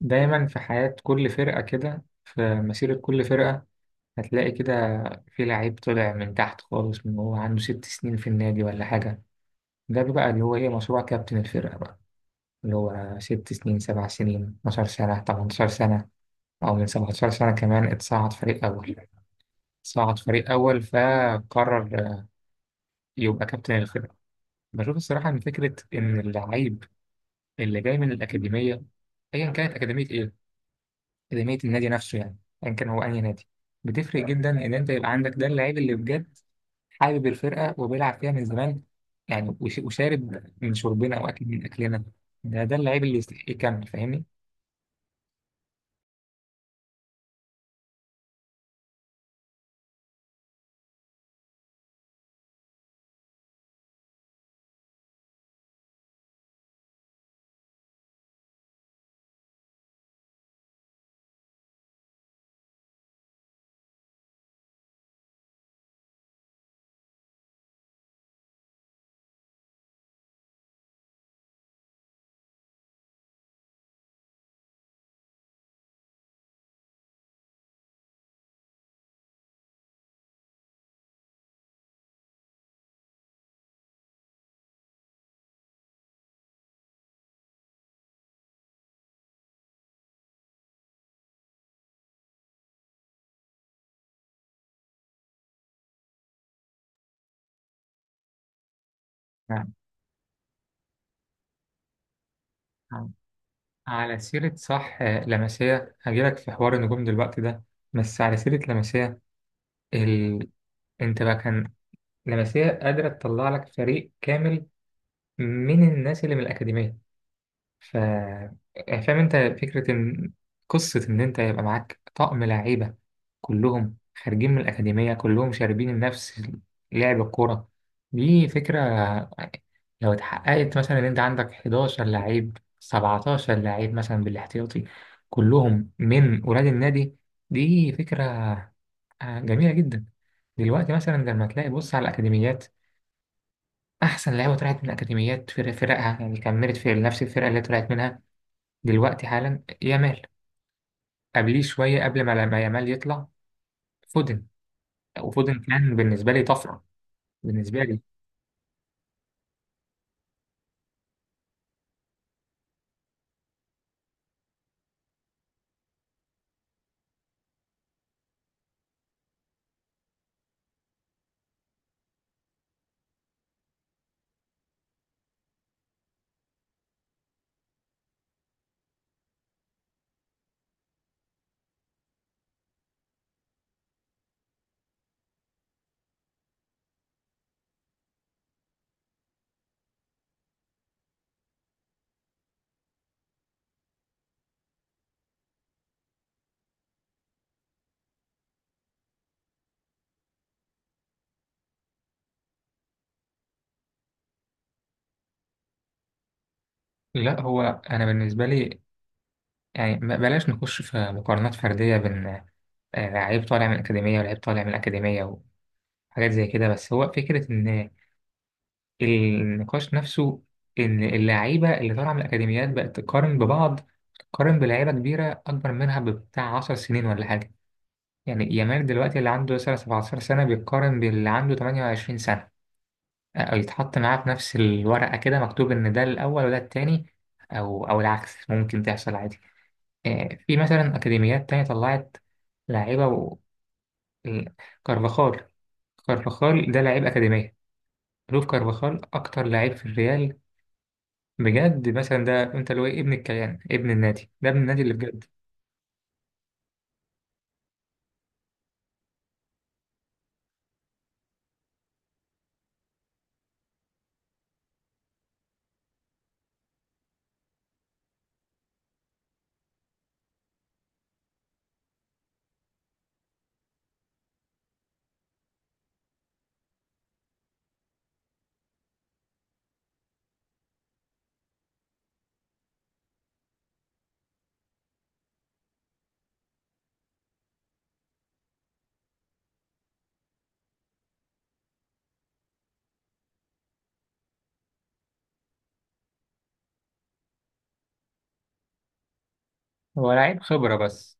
دايما في حياة كل فرقة كده في مسيرة كل فرقة هتلاقي كده في لعيب طلع من تحت خالص، من هو عنده 6 سنين في النادي ولا حاجة. ده بقى اللي هو ايه مشروع كابتن الفرقة بقى، اللي هو 6 سنين 7 سنين 12 سنة 18 سنة، أو من 17 سنة كمان اتصعد فريق أول. صعد فريق أول فقرر يبقى كابتن الفرقة. بشوف الصراحة إن فكرة إن اللعيب اللي جاي من الأكاديمية، أيا كانت أكاديمية إيه، اكاديميه النادي نفسه يعني، ايا كان هو اي نادي، بتفرق جدا ان انت يبقى عندك ده اللعيب اللي بجد حابب الفرقه وبيلعب فيها من زمان. يعني وشارب من شربنا واكل من اكلنا، ده ده اللعيب اللي يستحق يكمل، فاهمني؟ نعم. نعم. على سيره، صح، لمسيه هجيلك في حوار النجوم دلوقتي ده. بس على سيره لمسيه، ال... انت بقى كان لمسيه قادره تطلع لك فريق كامل من الناس اللي من الاكاديميه. ف يعني فاهم انت فكرة ان قصة ان انت يبقى معاك طقم لعيبة كلهم خارجين من الأكاديمية، كلهم شاربين نفس لعب الكورة. دي فكرة لو اتحققت، مثلا ان انت عندك 11 لعيب 17 لعيب مثلا بالاحتياطي كلهم من ولاد النادي، دي فكرة جميلة جدا. دلوقتي مثلا لما تلاقي، بص على الأكاديميات، أحسن لعيبة طلعت من الأكاديميات في فرقها يعني كملت في نفس الفرقة اللي طلعت منها. دلوقتي حالا يامال، قبليه شوية قبل ما يامال يطلع فودن. وفودن كان بالنسبة لي طفرة بالنسبة لي. لا هو، أنا بالنسبة لي يعني بلاش نخش في مقارنات فردية بين لعيب طالع من الأكاديمية ولعيب طالع من الأكاديمية وحاجات زي كده. بس هو فكرة إن النقاش نفسه، إن اللعيبة اللي طالعة من الأكاديميات بقت تقارن ببعض، تقارن بلعيبة كبيرة أكبر منها بتاع 10 سنين ولا حاجة. يعني يامال دلوقتي اللي عنده مثلا 17 سنة بيتقارن باللي عنده 28 سنة، أو يتحط معاه في نفس الورقة كده مكتوب إن ده الأول وده التاني، أو العكس ممكن تحصل عادي. في مثلا أكاديميات تانية طلعت لاعيبة ال- كارفاخال. كارفاخال ده لاعب أكاديمية. لوف كارفاخال أكتر لاعب في الريال بجد مثلا، ده أنت اللي هو ابن الكيان، ابن النادي، ده ابن النادي اللي بجد. هو لاعب خبرة بس.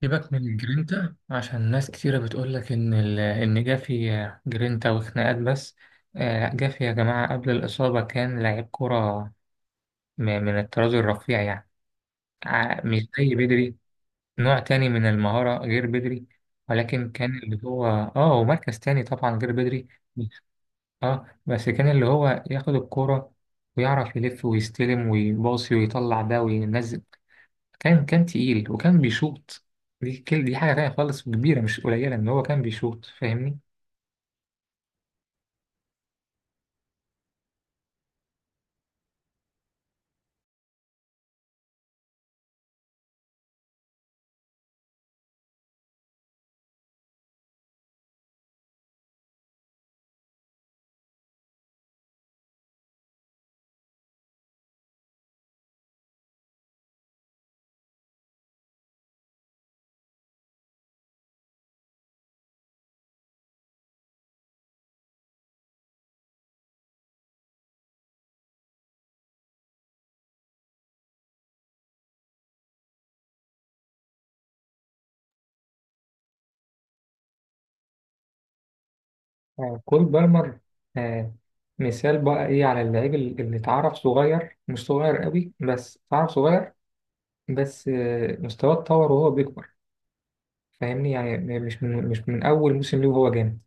سيبك من الجرينتا عشان ناس كتيرة بتقولك إن إن جافي جرينتا وخناقات بس. جافي يا جماعة قبل الإصابة كان لعيب كرة من الطراز الرفيع يعني. مش زي بدري، نوع تاني من المهارة غير بدري. ولكن كان اللي هو هو مركز تاني طبعا غير بدري. اه بس كان اللي هو ياخد الكرة ويعرف يلف ويستلم ويباصي ويطلع ده وينزل، كان كان تقيل وكان بيشوط، دي كل دي حاجة تانية خالص وكبيرة مش قليلة إن هو كان بيشوط، فاهمني؟ كول بالمر آه مثال بقى إيه على اللعيب اللي اتعرف صغير، مش صغير قوي بس اتعرف صغير. بس مستواه اتطور وهو بيكبر، فاهمني؟ يعني مش من أول موسم ليه وهو جامد.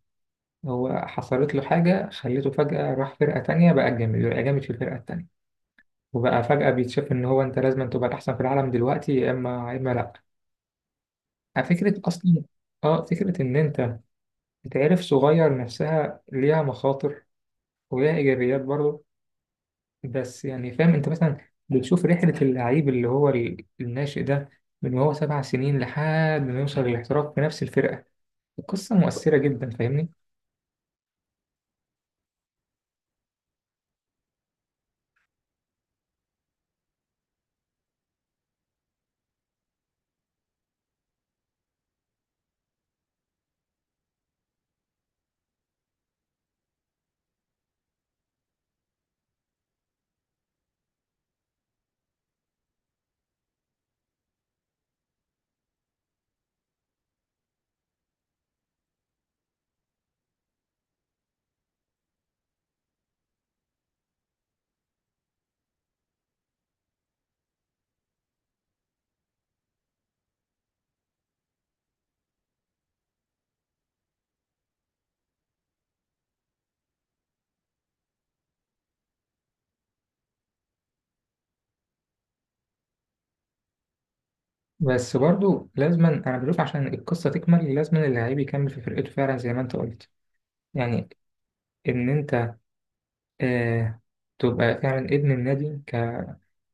هو حصلت له حاجة خليته فجأة راح فرقة تانية بقى جامد، بقى جامد في الفرقة التانية، وبقى فجأة بيتشاف إن هو أنت لازم تبقى الأحسن في العالم دلوقتي، يا إما يا إما لأ. فكرة أصلا، فكرة إن أنت تتعرف صغير نفسها ليها مخاطر وليها إيجابيات برضه. بس يعني فاهم أنت مثلا بتشوف رحلة اللعيب اللي هو الناشئ ده من وهو 7 سنين لحد ما يوصل للاحتراف في نفس الفرقة، القصة مؤثرة جدا، فاهمني؟ بس برضه لازما أنا بشوف عشان القصة تكمل لازما اللعيب يكمل في فرقته فعلا زي ما أنت قلت، يعني إن أنت آه تبقى فعلا ابن النادي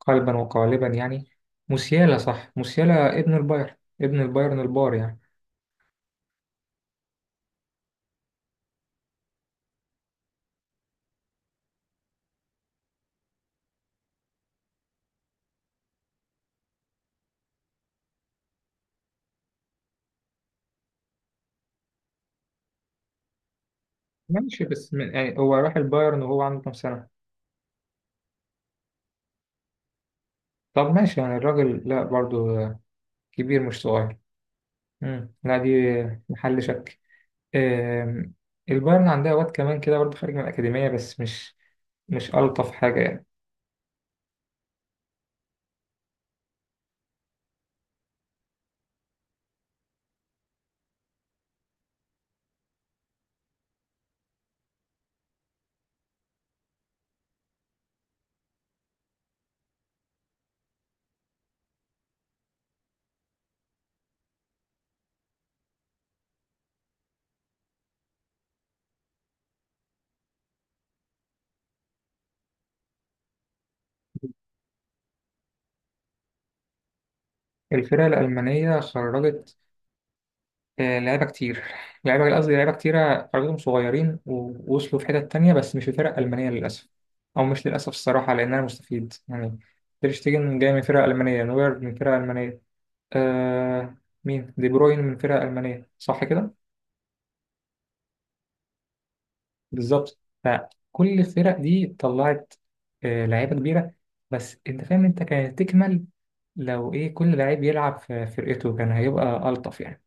قلبا وقالبا يعني. موسيالا، صح، موسيالا ابن البايرن، ابن البايرن البار يعني. ماشي بس من، يعني هو راح البايرن وهو عنده كام سنة؟ طب ماشي يعني الراجل لا برضو كبير مش صغير. مم. لا دي محل شك. آم، البايرن عندها واد كمان كده برضو خارج من الأكاديمية بس مش مش ألطف حاجة يعني. الفرقة الألمانية خرجت لعيبة كتير، لعيبة قصدي لعيبة كتيرة حضرتهم صغيرين ووصلوا في حتت تانية بس مش في فرق ألمانية للأسف، أو مش للأسف الصراحة لأن أنا مستفيد يعني. تير شتيجن جاي من فرقة ألمانية، نوير من فرقة ألمانية، آه مين دي بروين من فرقة ألمانية، صح كده؟ بالظبط. فكل الفرق دي طلعت لعيبة كبيرة، بس أنت فاهم أنت كانت تكمل لو إيه كل لعيب يلعب في فرقته كان هيبقى ألطف يعني.